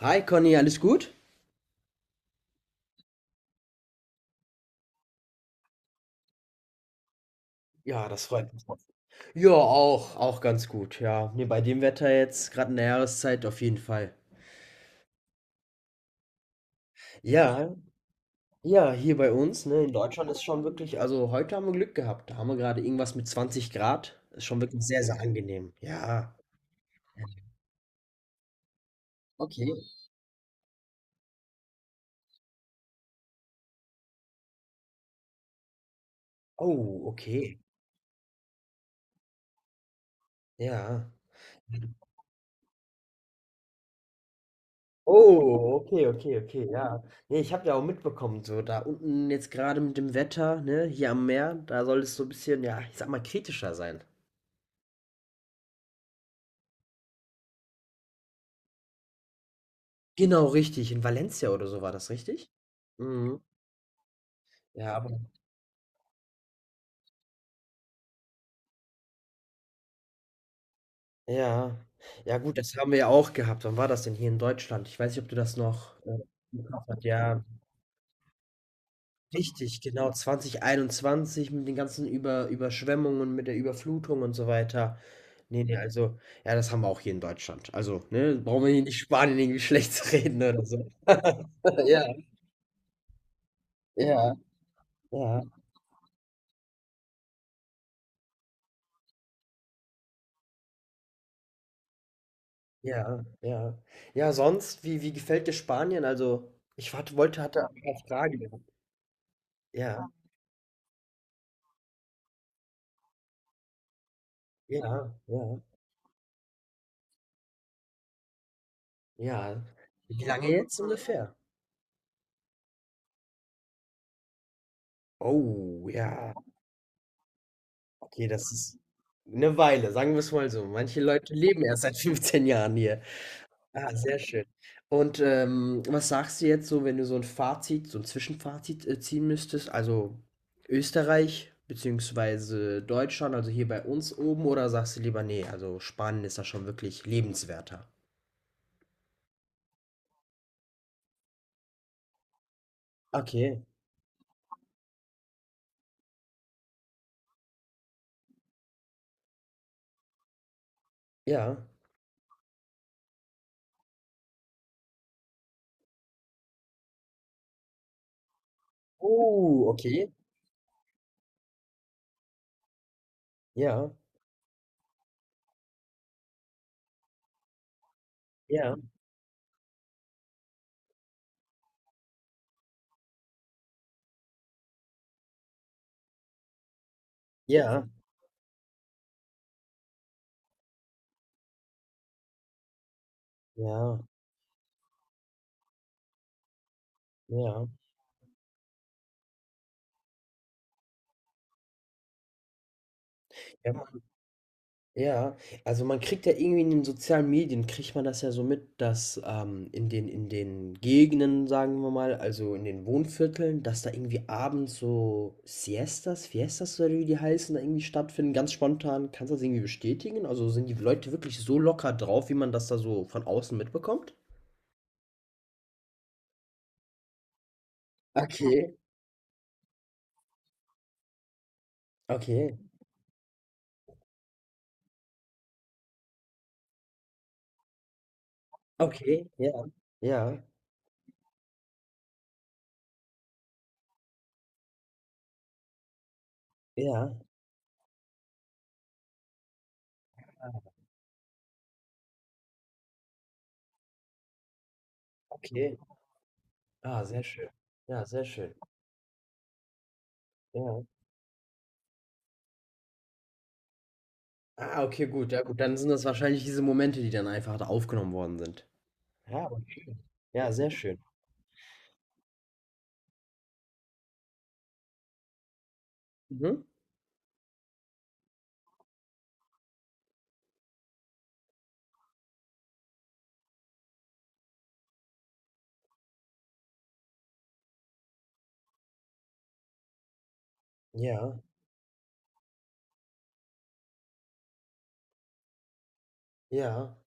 Hi Conny, alles gut? Ja, das freut mich. Ja, auch ganz gut, ja. Nee, bei dem Wetter jetzt, gerade in der Jahreszeit, auf jeden Fall. Ja, ja, hier bei uns, ne, in Deutschland ist schon wirklich, also heute haben wir Glück gehabt. Da haben wir gerade irgendwas mit 20 Grad. Ist schon wirklich sehr, sehr angenehm. Ja. Okay. Oh, okay. Ja. Oh, okay, okay, okay, ja. Nee, ich habe ja auch mitbekommen, so da unten jetzt gerade mit dem Wetter, ne, hier am Meer, da soll es so ein bisschen, ja, ich sag mal, kritischer sein. Genau, richtig. In Valencia oder so war das, richtig? Mhm. Ja, aber ja. Ja gut, das haben wir ja auch gehabt. Wann war das denn hier in Deutschland? Ich weiß nicht, ob du das noch, im Kopf hast. Ja, richtig, genau, 2021 mit den ganzen Überschwemmungen, mit der Überflutung und so weiter. Ne, ne, also ja, das haben wir auch hier in Deutschland. Also, ne, brauchen wir hier nicht Spanien irgendwie schlecht zu reden oder so. Ja, ja, ja. Ja, ja. Ja, sonst, wie gefällt dir Spanien? Also, ich hatte ein paar Fragen gehabt. Ja, ja, ja, ja. Wie lange jetzt ungefähr? Oh, ja. Okay, das ist eine Weile, sagen wir's mal so. Manche Leute leben erst seit 15 Jahren hier. Ah, sehr schön. Und, was sagst du jetzt so, wenn du so ein Zwischenfazit, ziehen müsstest? Also, Österreich beziehungsweise Deutschland, also hier bei uns oben oder sagst du lieber: „Nee? Also Spanien ist da schon wirklich lebenswerter?“ Okay, ja. Oh, okay. Ja, ja, ja, ja, ja. Ja, ja, also man kriegt ja irgendwie in den sozialen Medien, kriegt man das ja so mit, dass in den Gegenden, sagen wir mal, also in den Wohnvierteln, dass da irgendwie abends so Siestas, Fiestas oder wie die heißen, da irgendwie stattfinden, ganz spontan. Kannst du das irgendwie bestätigen? Also sind die Leute wirklich so locker drauf, wie man das da so von außen mitbekommt? Okay, okay, okay, ja, ja, ja, okay. Ah, sehr schön. Ja, sehr schön. Ja. Ah, okay, gut. Ja, gut, dann sind das wahrscheinlich diese Momente, die dann einfach da aufgenommen worden sind. Ja, aber ja, sehr schön. Mhm. Ja, ja.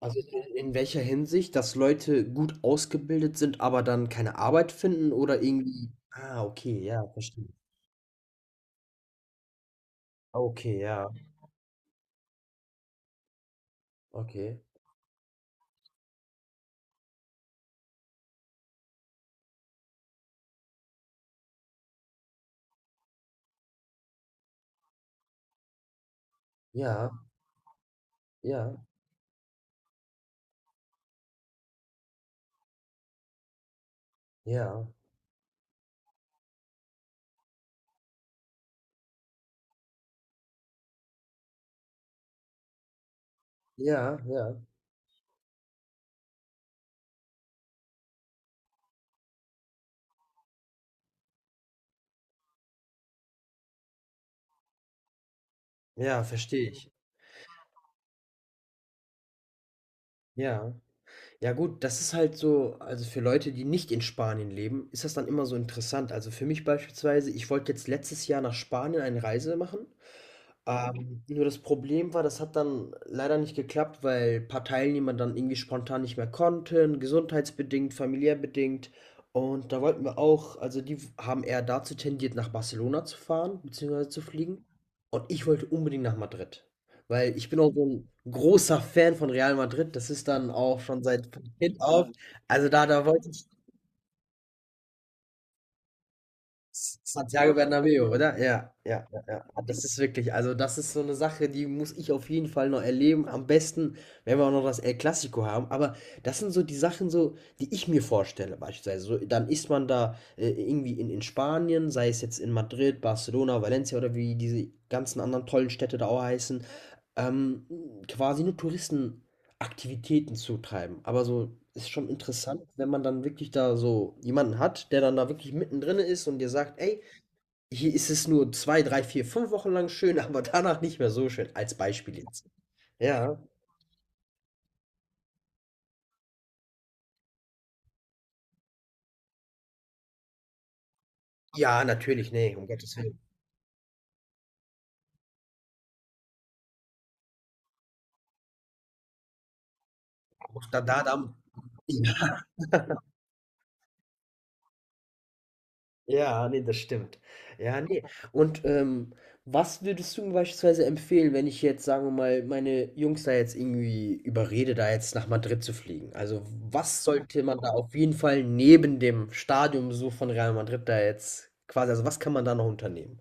Also in welcher Hinsicht, dass Leute gut ausgebildet sind, aber dann keine Arbeit finden oder irgendwie. Ah, okay, ja, verstehe. Okay, ja, okay. Ja, ja, ja, ja, ja, ja, verstehe ich. Ja. Ja gut, das ist halt so, also für Leute, die nicht in Spanien leben, ist das dann immer so interessant. Also für mich beispielsweise, ich wollte jetzt letztes Jahr nach Spanien eine Reise machen, nur das Problem war, das hat dann leider nicht geklappt, weil ein paar Teilnehmer dann irgendwie spontan nicht mehr konnten, gesundheitsbedingt, familiär bedingt. Und da wollten wir auch, also die haben eher dazu tendiert, nach Barcelona zu fahren, beziehungsweise zu fliegen. Und ich wollte unbedingt nach Madrid. Weil ich bin auch so ein großer Fan von Real Madrid. Das ist dann auch schon seit Kind auf. Also da wollte ich Santiago Bernabéu, oder? Ja, ja, ja, ja. Ah, das ist wirklich, also das ist so eine Sache, die muss ich auf jeden Fall noch erleben. Am besten, wenn wir auch noch das El Clasico haben. Aber das sind so die Sachen, so, die ich mir vorstelle, beispielsweise. So, dann ist man da irgendwie in Spanien, sei es jetzt in Madrid, Barcelona, Valencia oder wie diese ganzen anderen tollen Städte da auch heißen. Ähm, quasi nur Touristen Aktivitäten zutreiben. Aber so ist schon interessant, wenn man dann wirklich da so jemanden hat, der dann da wirklich mittendrin ist und dir sagt: „Ey, hier ist es nur 2, 3, 4, 5 Wochen lang schön, aber danach nicht mehr so schön“, als Beispiel jetzt. Ja. Ja, natürlich, ne, um Gottes Willen. Da, da, da. Ja, ne, das stimmt. Ja, ne. Und, was würdest du mir beispielsweise empfehlen, wenn ich jetzt, sagen wir mal, meine Jungs da jetzt irgendwie überrede, da jetzt nach Madrid zu fliegen? Also, was sollte man da auf jeden Fall neben dem Stadionbesuch von Real Madrid da jetzt quasi, also, was kann man da noch unternehmen?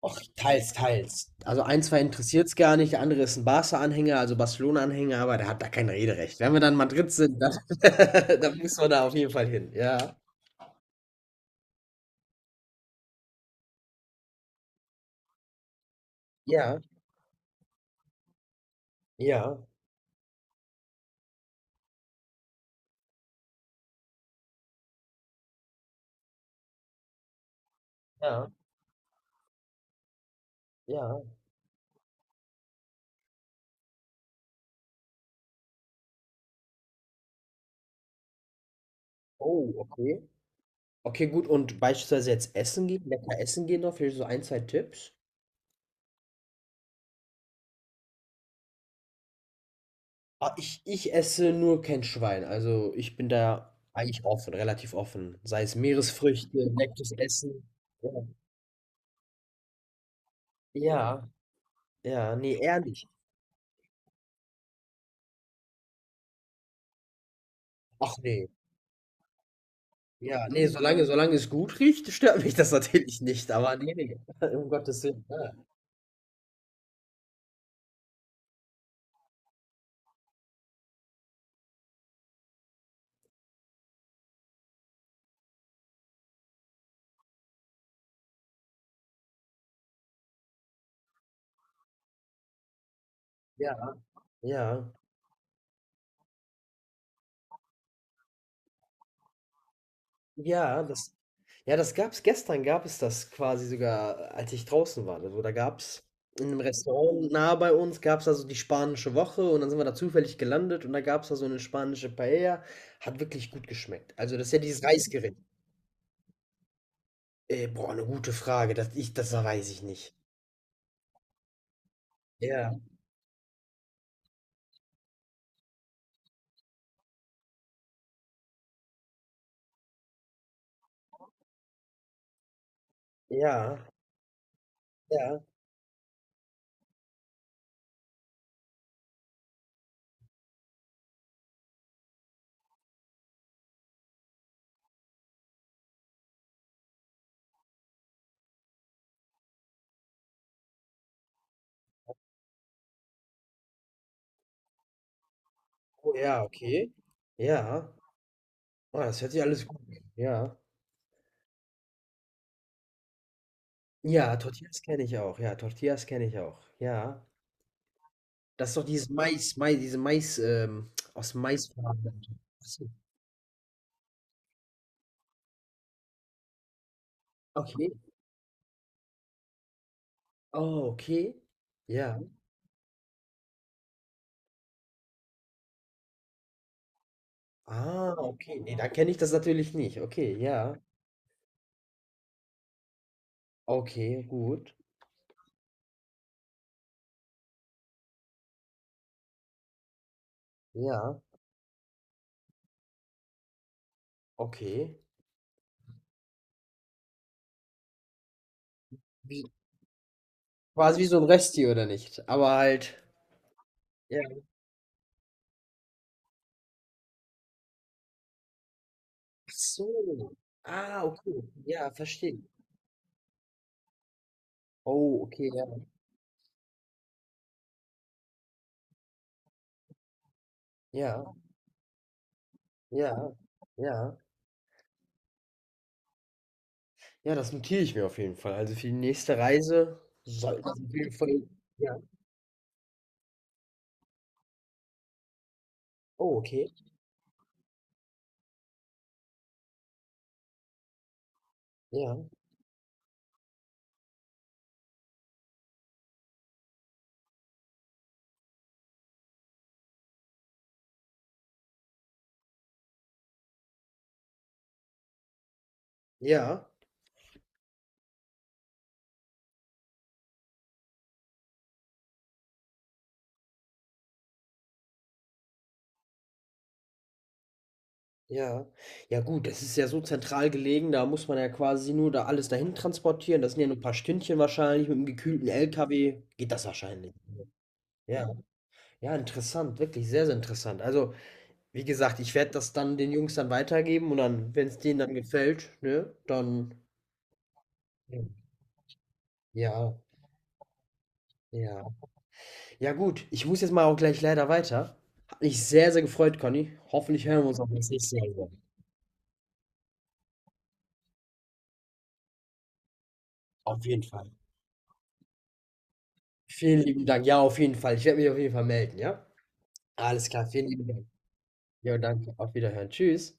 Och, teils, teils. Also, einen, zwei interessiert es gar nicht, der andere ist ein Barca-Anhänger, also Barcelona-Anhänger, aber der hat da kein Rederecht. Wenn wir dann in Madrid sind, dann dann müssen wir da auf jeden Fall hin. Ja. Ja. Ja. Ja. Ja. Oh, okay. Okay, gut. Und beispielsweise jetzt essen gehen, lecker essen gehen noch, vielleicht so ein, zwei Tipps. Ah, ich esse nur kein Schwein. Also ich bin da eigentlich offen, relativ offen. Sei es Meeresfrüchte, leckeres Essen. Ja, ja, ja, nee, ehrlich. Ach nee. Ja, nee, solange es gut riecht, stört mich das natürlich nicht. Aber nee, nee. Um Gottes Willen. Ja, ja. Ja, ja, das, ja, das gab's gestern gab es das quasi sogar, als ich draußen war. Also, da gab's in 'nem Restaurant nahe bei uns gab's da so die spanische Woche und dann sind wir da zufällig gelandet und da gab's da so 'ne spanische Paella. Hat wirklich gut geschmeckt. Also, das ist ja dieses Reisgericht. Boah, eine gute Frage. Das weiß ich nicht. Ja, ja, ja. Oh ja, okay. Ja. Ah, das hört sich alles gut an. Ja. Ja, Tortillas kenne ich auch. Ja, Tortillas kenne ich auch. Ja. Das ist doch dieses Mais aus Mais. Ach so, okay. Oh, okay. Ja. Ah, okay. Ne, dann kenne ich das natürlich nicht. Okay, ja. Okay, gut. Ja, okay. Wie wie so ein Resti oder nicht? Aber halt ja. Ach so. Ah, okay. Ja, verstehe. Oh, okay, ja. Ja, ja, ja. Ja, das notiere ich mir auf jeden Fall. Also, für die nächste Reise soll das auf jeden Fall ja. Oh, okay. Ja. Ja, ja. Ja gut, das ist ja so zentral gelegen, da muss man ja quasi nur da alles dahin transportieren. Das sind ja nur 'n paar Stündchen wahrscheinlich. Mit 'm gekühlten LKW geht das wahrscheinlich. Ja, ja, interessant, wirklich sehr, sehr interessant. Also, wie gesagt, ich werde das dann den Jungs dann weitergeben und dann, wenn es denen dann gefällt, ne, dann, ja, ja. Ja gut, ich muss jetzt mal auch gleich leider weiter. Hat mich sehr, sehr gefreut, Conny. Hoffentlich hören wir uns auch das nächste Mal wieder. Auf jeden Fall. Vielen lieben Dank. Ja, auf jeden Fall. Ich werde mich auf jeden Fall melden, ja? Alles klar, vielen lieben Dank. Ja, danke. Auf Wiederhören. Tschüss.